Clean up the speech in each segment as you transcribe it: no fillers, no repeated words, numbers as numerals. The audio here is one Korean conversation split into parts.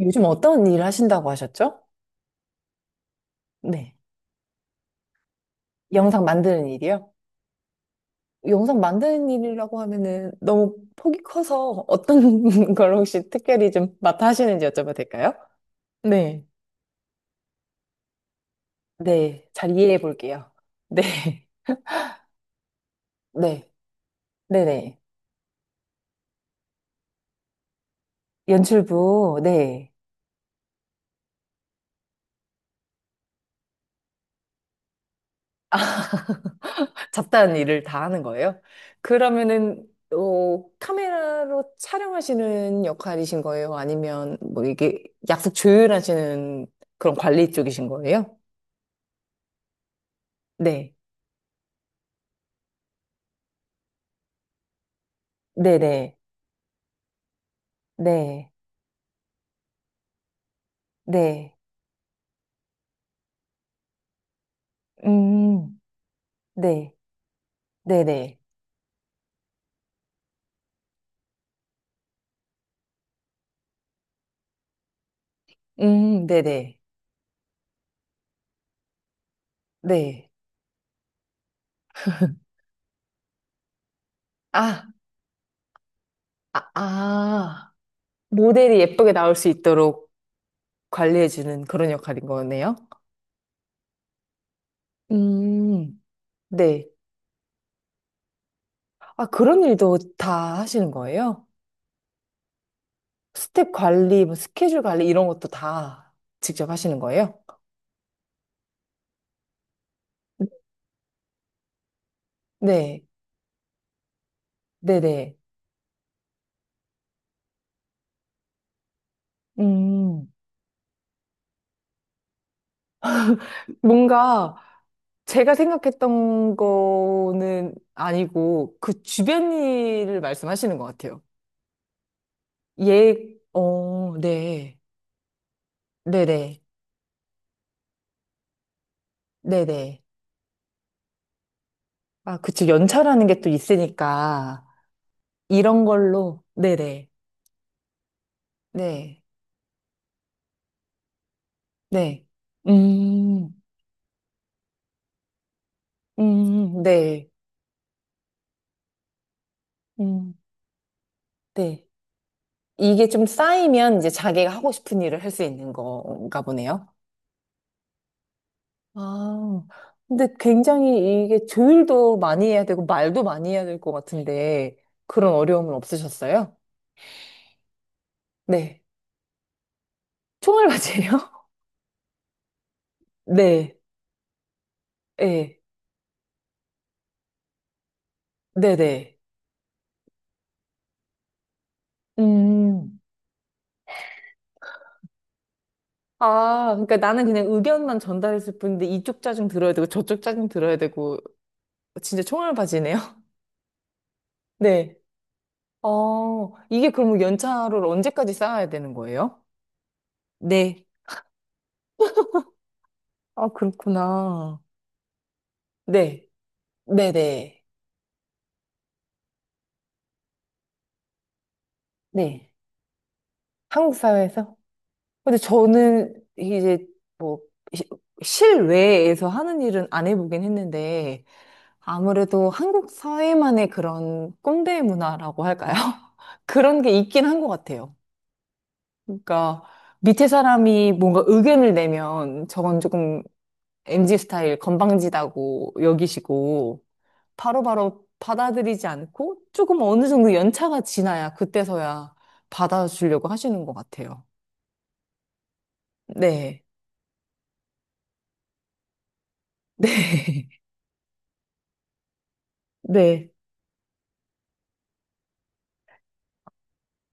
요즘 어떤 일을 하신다고 하셨죠? 네. 영상 만드는 일이요? 영상 만드는 일이라고 하면은 너무 폭이 커서 어떤 걸 혹시 특별히 좀 맡아 하시는지 여쭤봐도 될까요? 네. 네, 잘 이해해 볼게요. 네. 네, 네네. 연출부, 네. 잡다한 일을 다 하는 거예요. 그러면은 어, 카메라로 촬영하시는 역할이신 거예요? 아니면 뭐 이게 약속 조율하시는 그런 관리 쪽이신 거예요? 네. 네네. 네. 네. 음, 네. 네네. 네네. 네. 아, 아, 아. 모델이 예쁘게 나올 수 있도록 관리해주는 그런 역할인 거네요. 음, 네. 아, 그런 일도 다 하시는 거예요? 스텝 관리, 뭐 스케줄 관리 이런 것도 다 직접 하시는 거예요? 네, 네네. 음, 뭔가 제가 생각했던 거는 아니고 그 주변 일을 말씀하시는 것 같아요. 예, 어, 네. 네네. 네네. 아, 그쵸. 연차라는 게 또 있으니까 이런 걸로. 네네. 네. 네. 네. 음, 네. 음, 네. 이게 좀 쌓이면 이제 자기가 하고 싶은 일을 할 수 있는 건가 보네요. 아, 근데 굉장히 이게 조율도 많이 해야 되고 말도 많이 해야 될 것 같은데 그런 어려움은 없으셨어요? 네. 총알맞이에요? 네. 네. 네네. 음. 아, 그러니까 나는 그냥 의견만 전달했을 뿐인데 이쪽 짜증 들어야 되고 저쪽 짜증 들어야 되고 진짜 총알맞이네요. 네. 어, 이게 그러면 연차를 언제까지 쌓아야 되는 거예요? 네. 아, 그렇구나. 네. 네네. 네. 한국 사회에서? 근데 저는 이제 뭐 시- 실외에서 하는 일은 안 해보긴 했는데 아무래도 한국 사회만의 그런 꼰대 문화라고 할까요? 그런 게 있긴 한 것 같아요. 그러니까 밑에 사람이 뭔가 의견을 내면 저건 조금 m g 스타일 건방지다고 여기시고 바로바로 받아들이지 않고 조금 어느 정도 연차가 지나야 그때서야 받아주려고 하시는 것 같아요. 네. 네. 네.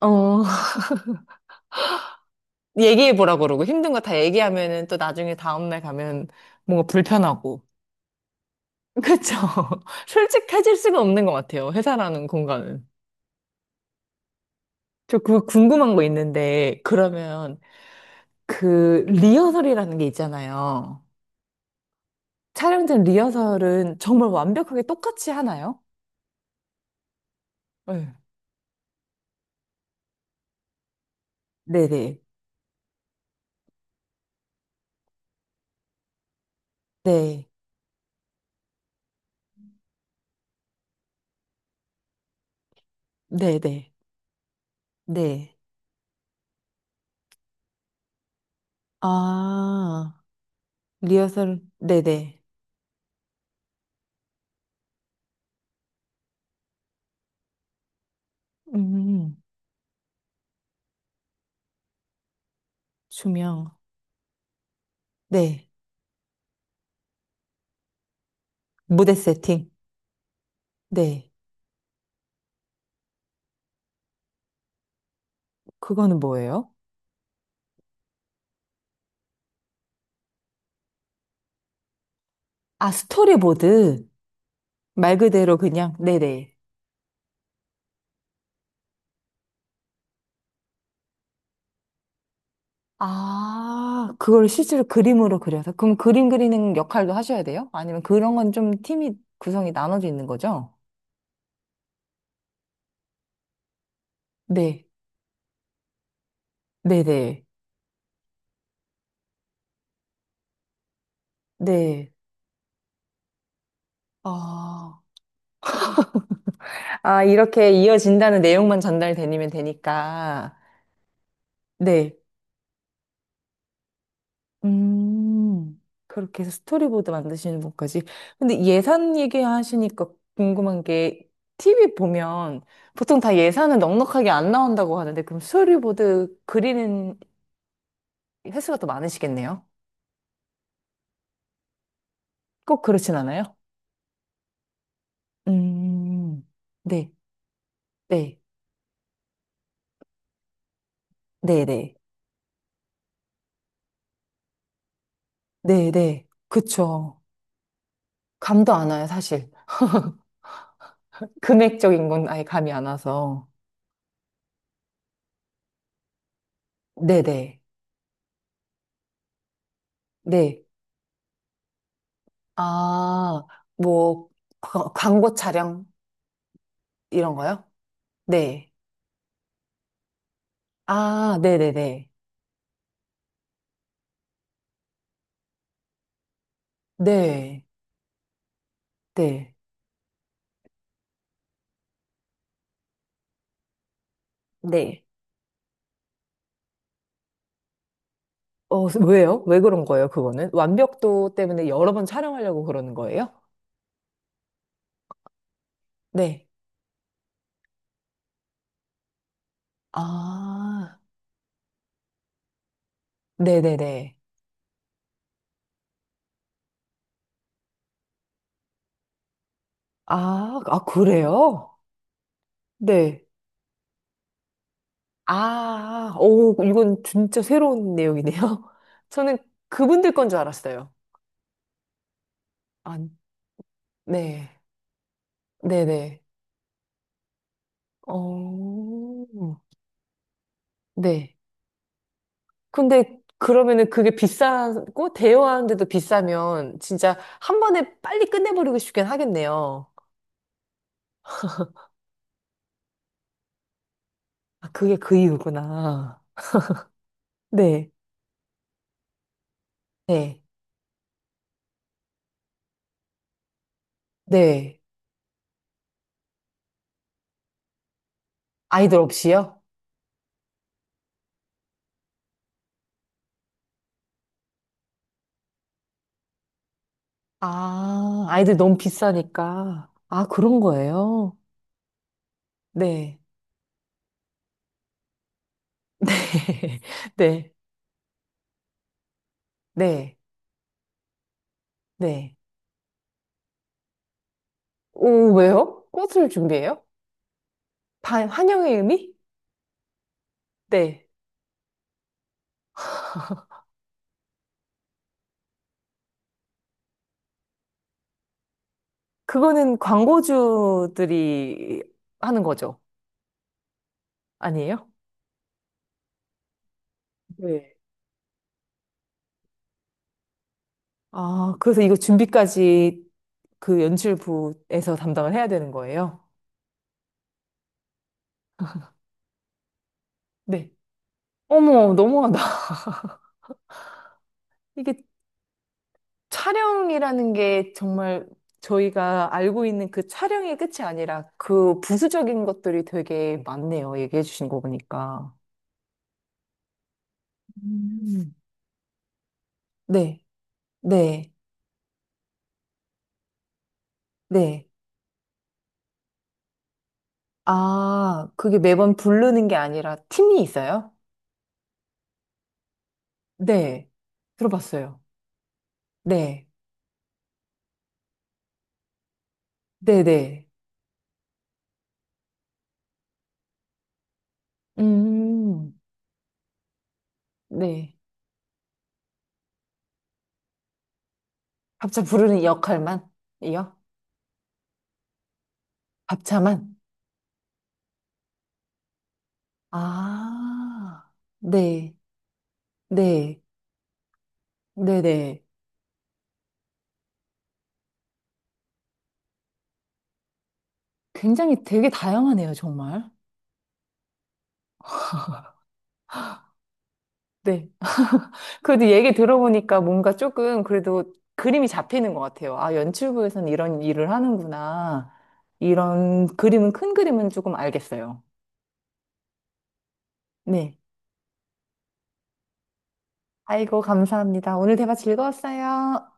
어, 얘기해보라고 그러고 힘든 거 다 얘기하면은 또 나중에 다음날 가면 뭔가 불편하고. 그쵸? 솔직해질 수가 없는 것 같아요. 회사라는 공간은. 저 그 궁금한 거 있는데, 그러면 그 리허설이라는 게 있잖아요. 촬영 전 리허설은 정말 완벽하게 똑같이 하나요? 네. 네네. 네. 네네. 네. 아, 리허설, 네네. 음, 조명. 네. 무대 세팅. 네. 그거는 뭐예요? 아, 스토리보드. 말 그대로 그냥, 네네. 아, 그걸 실제로 그림으로 그려서. 그럼 그림 그리는 역할도 하셔야 돼요? 아니면 그런 건 좀 팀이 구성이 나눠져 있는 거죠? 네. 네네. 네. 아. 아, 이렇게 이어진다는 내용만 전달되면 되니까. 네. 음, 그렇게 해서 스토리보드 만드시는 분까지. 근데 예산 얘기하시니까 궁금한 게, TV 보면 보통 다 예산은 넉넉하게 안 나온다고 하는데, 그럼 스토리보드 그리는 횟수가 더 많으시겠네요? 꼭 그렇진 않아요? 음, 네, 네, 네, 네, 네, 네. 그쵸. 감도 안 와요, 사실. 금액적인 건 아예 감이 안 와서. 네네, 네. 네. 아, 뭐, 광고 촬영? 이런 거요? 네. 아, 네네네. 네. 네. 네. 어, 왜요? 왜 그런 거예요, 그거는? 완벽도 때문에 여러 번 촬영하려고 그러는 거예요? 네. 아, 네네네. 아, 아, 그래요? 네. 아, 오, 이건 진짜 새로운 내용이네요. 저는 그분들 건 줄 알았어요. 아, 네. 네네. 어, 네. 근데 그러면은 그게 비싸고 대여하는데도 비싸면 진짜 한 번에 빨리 끝내버리고 싶긴 하겠네요. 아, 그게 그 이유구나. 네, 네, 네. 아이들 없이요? 아, 아이들 너무 비싸니까. 아, 그런 거예요? 네, 네, 네, 네, 네. 오, 왜요? 꽃을 준비해요? 반, 환영의 의미? 네. 그거는 광고주들이 하는 거죠. 아니에요? 네. 아, 그래서 이거 준비까지 그 연출부에서 담당을 해야 되는 거예요? 네. 어머, 너무하다. 이게 촬영이라는 게 정말 저희가 알고 있는 그 촬영의 끝이 아니라 그 부수적인 것들이 되게 많네요. 얘기해 주신 거 보니까. 음. 네, 네, 네. 아, 그게 매번 부르는 게 아니라 팀이 있어요? 네, 들어봤어요. 네, 네, 네. 음, 네. 밥차 부르는 역할만 이요? 밥차만? 아, 네, 네, 네네. 굉장히 되게 다양하네요, 정말. 네. 그래도 얘기 들어보니까 뭔가 조금 그래도 그림이 잡히는 것 같아요. 아, 연출부에서는 이런 일을 하는구나. 이런 그림은, 큰 그림은 조금 알겠어요. 네. 아이고, 감사합니다. 오늘 대화 즐거웠어요.